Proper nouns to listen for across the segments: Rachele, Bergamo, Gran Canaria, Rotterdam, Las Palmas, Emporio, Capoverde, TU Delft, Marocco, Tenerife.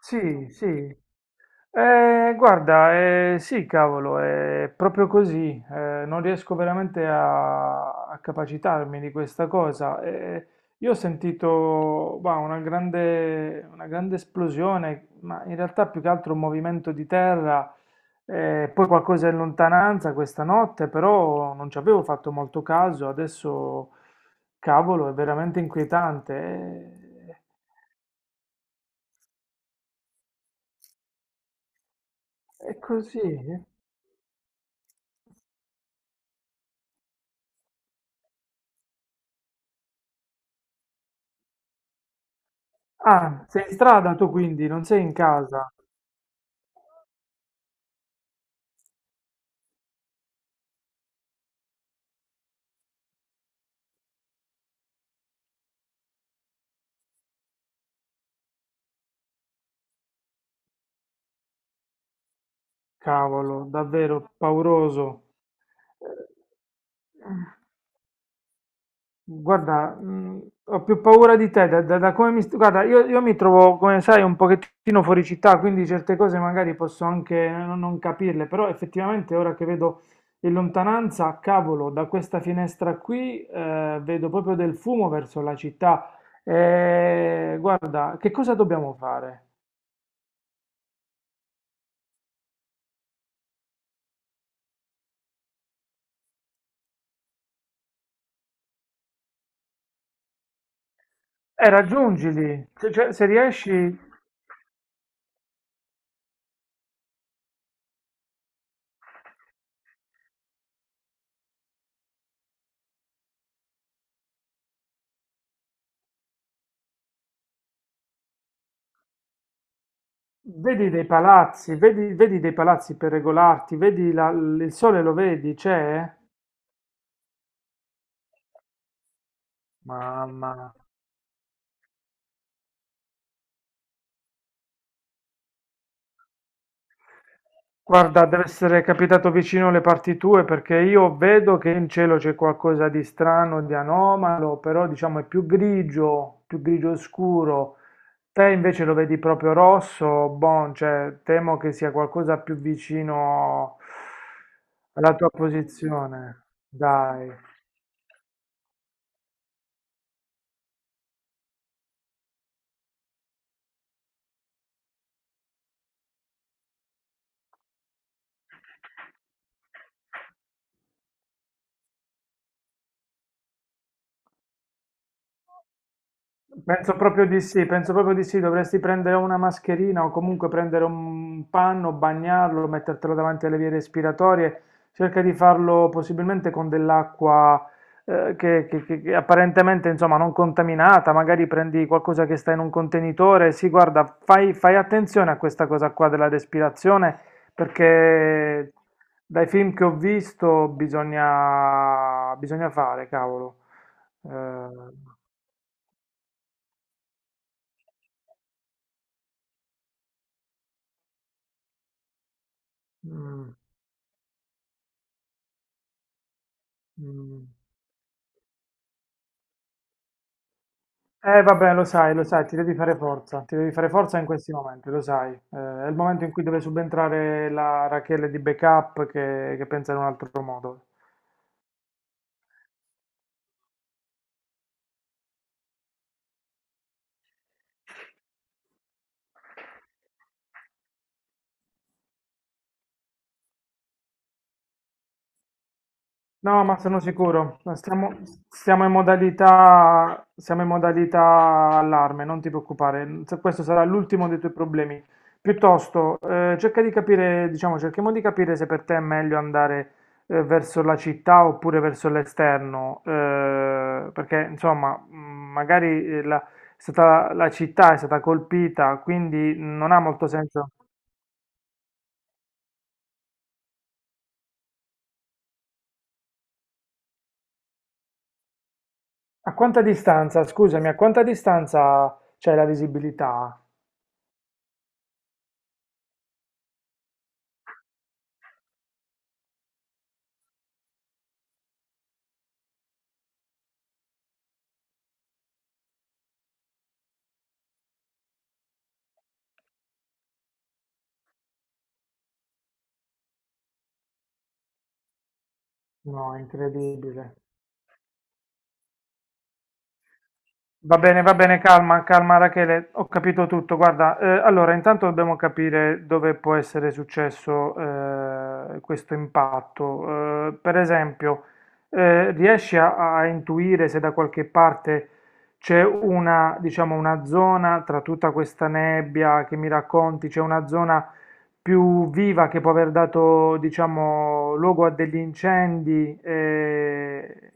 Sì, sì. Guarda, sì, cavolo, è proprio così. Non riesco veramente a capacitarmi di questa cosa. Io ho sentito, bah, una grande esplosione, ma in realtà più che altro un movimento di terra, poi qualcosa in lontananza questa notte, però non ci avevo fatto molto caso. Adesso, cavolo, è veramente inquietante. È così. Ah, sei in strada tu quindi, non sei in casa. Cavolo, davvero pauroso. Eh, Guarda, ho più paura di te, da come Guarda, io mi trovo, come sai, un pochettino fuori città, quindi certe cose magari posso anche non capirle, però effettivamente ora che vedo in lontananza, cavolo, da questa finestra qui, vedo proprio del fumo verso la città. Guarda, che cosa dobbiamo fare? Raggiungili, se, cioè, se riesci, vedi dei palazzi, vedi dei palazzi per regolarti, vedi il sole lo vedi, c'è? Mamma. Guarda, dev'essere capitato vicino le parti tue perché io vedo che in cielo c'è qualcosa di strano, di anomalo, però diciamo è più grigio scuro. Te invece lo vedi proprio rosso, bon, cioè temo che sia qualcosa più vicino alla tua posizione. Dai. Penso proprio di sì, penso proprio di sì, dovresti prendere una mascherina o comunque prendere un panno, bagnarlo, mettertelo davanti alle vie respiratorie, cerca di farlo possibilmente con dell'acqua che, che apparentemente insomma non contaminata, magari prendi qualcosa che sta in un contenitore, sì, guarda, fai attenzione a questa cosa qua della respirazione perché dai film che ho visto bisogna fare, cavolo. Eh, mm. Mh. Eh vabbè, lo sai, ti devi fare forza, ti devi fare forza in questi momenti, lo sai. È il momento in cui deve subentrare la Rachele di backup che pensa in un altro modo. No, ma sono sicuro. Siamo in modalità allarme, non ti preoccupare. Questo sarà l'ultimo dei tuoi problemi. Piuttosto, cerca di capire, diciamo, cerchiamo di capire se per te è meglio andare, verso la città oppure verso l'esterno, perché insomma, magari la città è stata colpita, quindi non ha molto senso. A quanta distanza, scusami, a quanta distanza c'è la visibilità? No, è incredibile. Va bene, calma, calma Rachele, ho capito tutto. Guarda, allora intanto dobbiamo capire dove può essere successo questo impatto. Per esempio, riesci a intuire se da qualche parte c'è una, diciamo, una zona tra tutta questa nebbia che mi racconti, c'è una zona più viva che può aver dato, diciamo, luogo a degli incendi?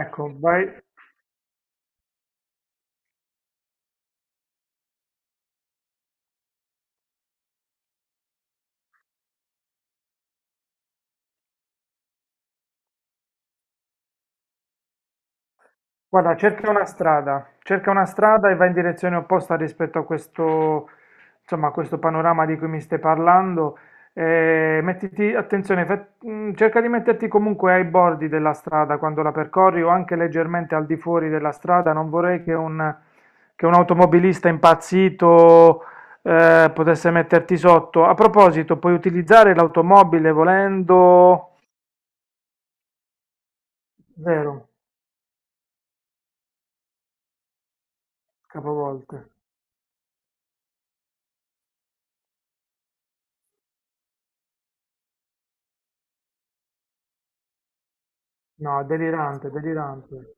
Ecco, vai. Guarda, cerca una strada e va in direzione opposta rispetto a questo, insomma, a questo panorama di cui mi stai parlando. Mettiti, attenzione, cerca di metterti comunque ai bordi della strada quando la percorri o anche leggermente al di fuori della strada. Non vorrei che un automobilista impazzito, potesse metterti sotto. A proposito, puoi utilizzare l'automobile volendo... Vero, capovolto. No, delirante, delirante.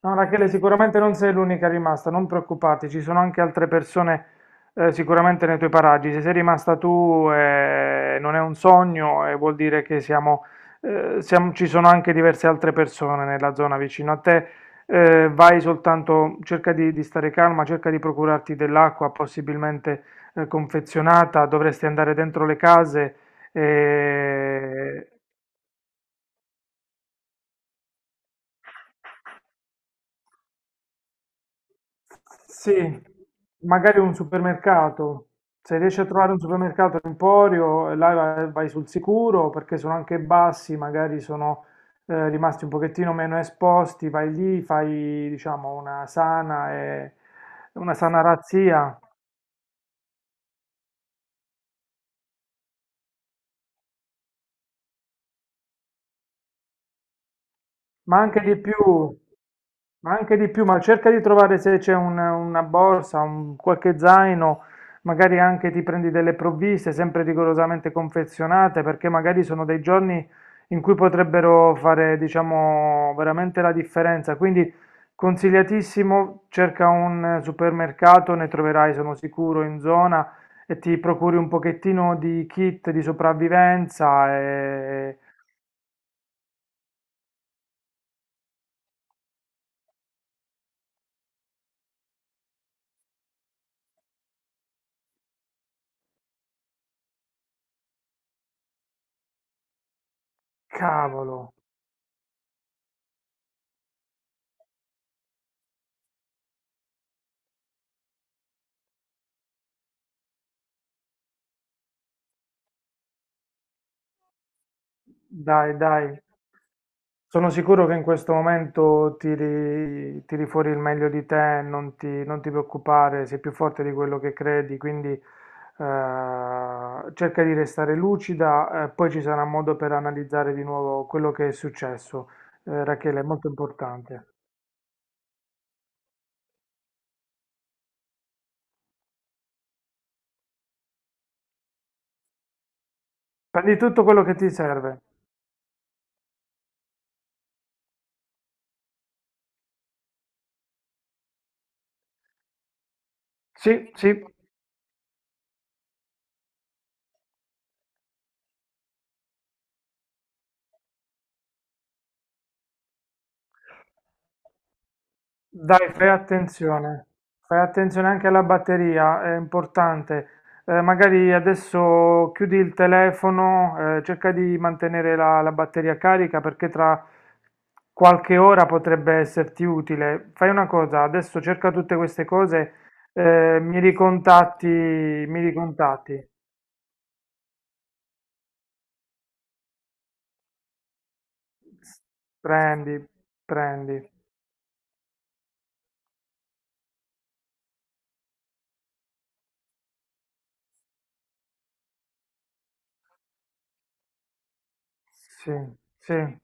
No, Rachele, sicuramente non sei l'unica rimasta, non preoccuparti, ci sono anche altre persone sicuramente nei tuoi paraggi. Se sei rimasta tu non è un sogno e vuol dire che ci sono anche diverse altre persone nella zona vicino a te. Vai soltanto, cerca di stare calma, cerca di procurarti dell'acqua, possibilmente confezionata, dovresti andare dentro le case. eh, Sì, magari un supermercato. Se riesci a trovare un supermercato Emporio, là vai sul sicuro perché sono anche bassi, magari sono rimasti un pochettino meno esposti, vai lì, fai diciamo una sana, una sana razzia. Ma anche di più, ma anche di più, ma cerca di trovare se c'è una borsa, un, qualche zaino, magari anche ti prendi delle provviste, sempre rigorosamente confezionate, perché magari sono dei giorni in cui potrebbero fare, diciamo, veramente la differenza. Quindi consigliatissimo, cerca un supermercato, ne troverai, sono sicuro, in zona e ti procuri un pochettino di kit di sopravvivenza e cavolo. Dai, dai, sono sicuro che in questo momento tiri fuori il meglio di te, non ti preoccupare, sei più forte di quello che credi, quindi cerca di restare lucida, poi ci sarà modo per analizzare di nuovo quello che è successo. Rachele, è molto importante. Prendi tutto quello che ti serve. Sì, sì. Dai, fai attenzione anche alla batteria, è importante. Magari adesso chiudi il telefono, cerca di mantenere la batteria carica perché tra qualche ora potrebbe esserti utile. Fai una cosa, adesso cerca tutte queste cose, mi ricontatti. Prendi, prendi. Sì, sì,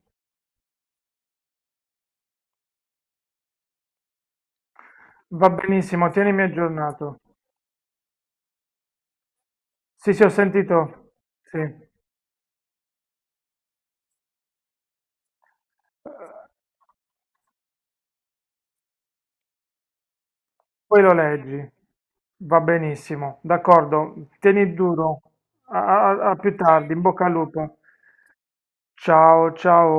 va benissimo, tienimi aggiornato. Sì, sì, ho sentito. Sì. Poi lo leggi. Va benissimo, d'accordo. Tieni duro. A più tardi, in bocca al lupo. Ciao, ciao.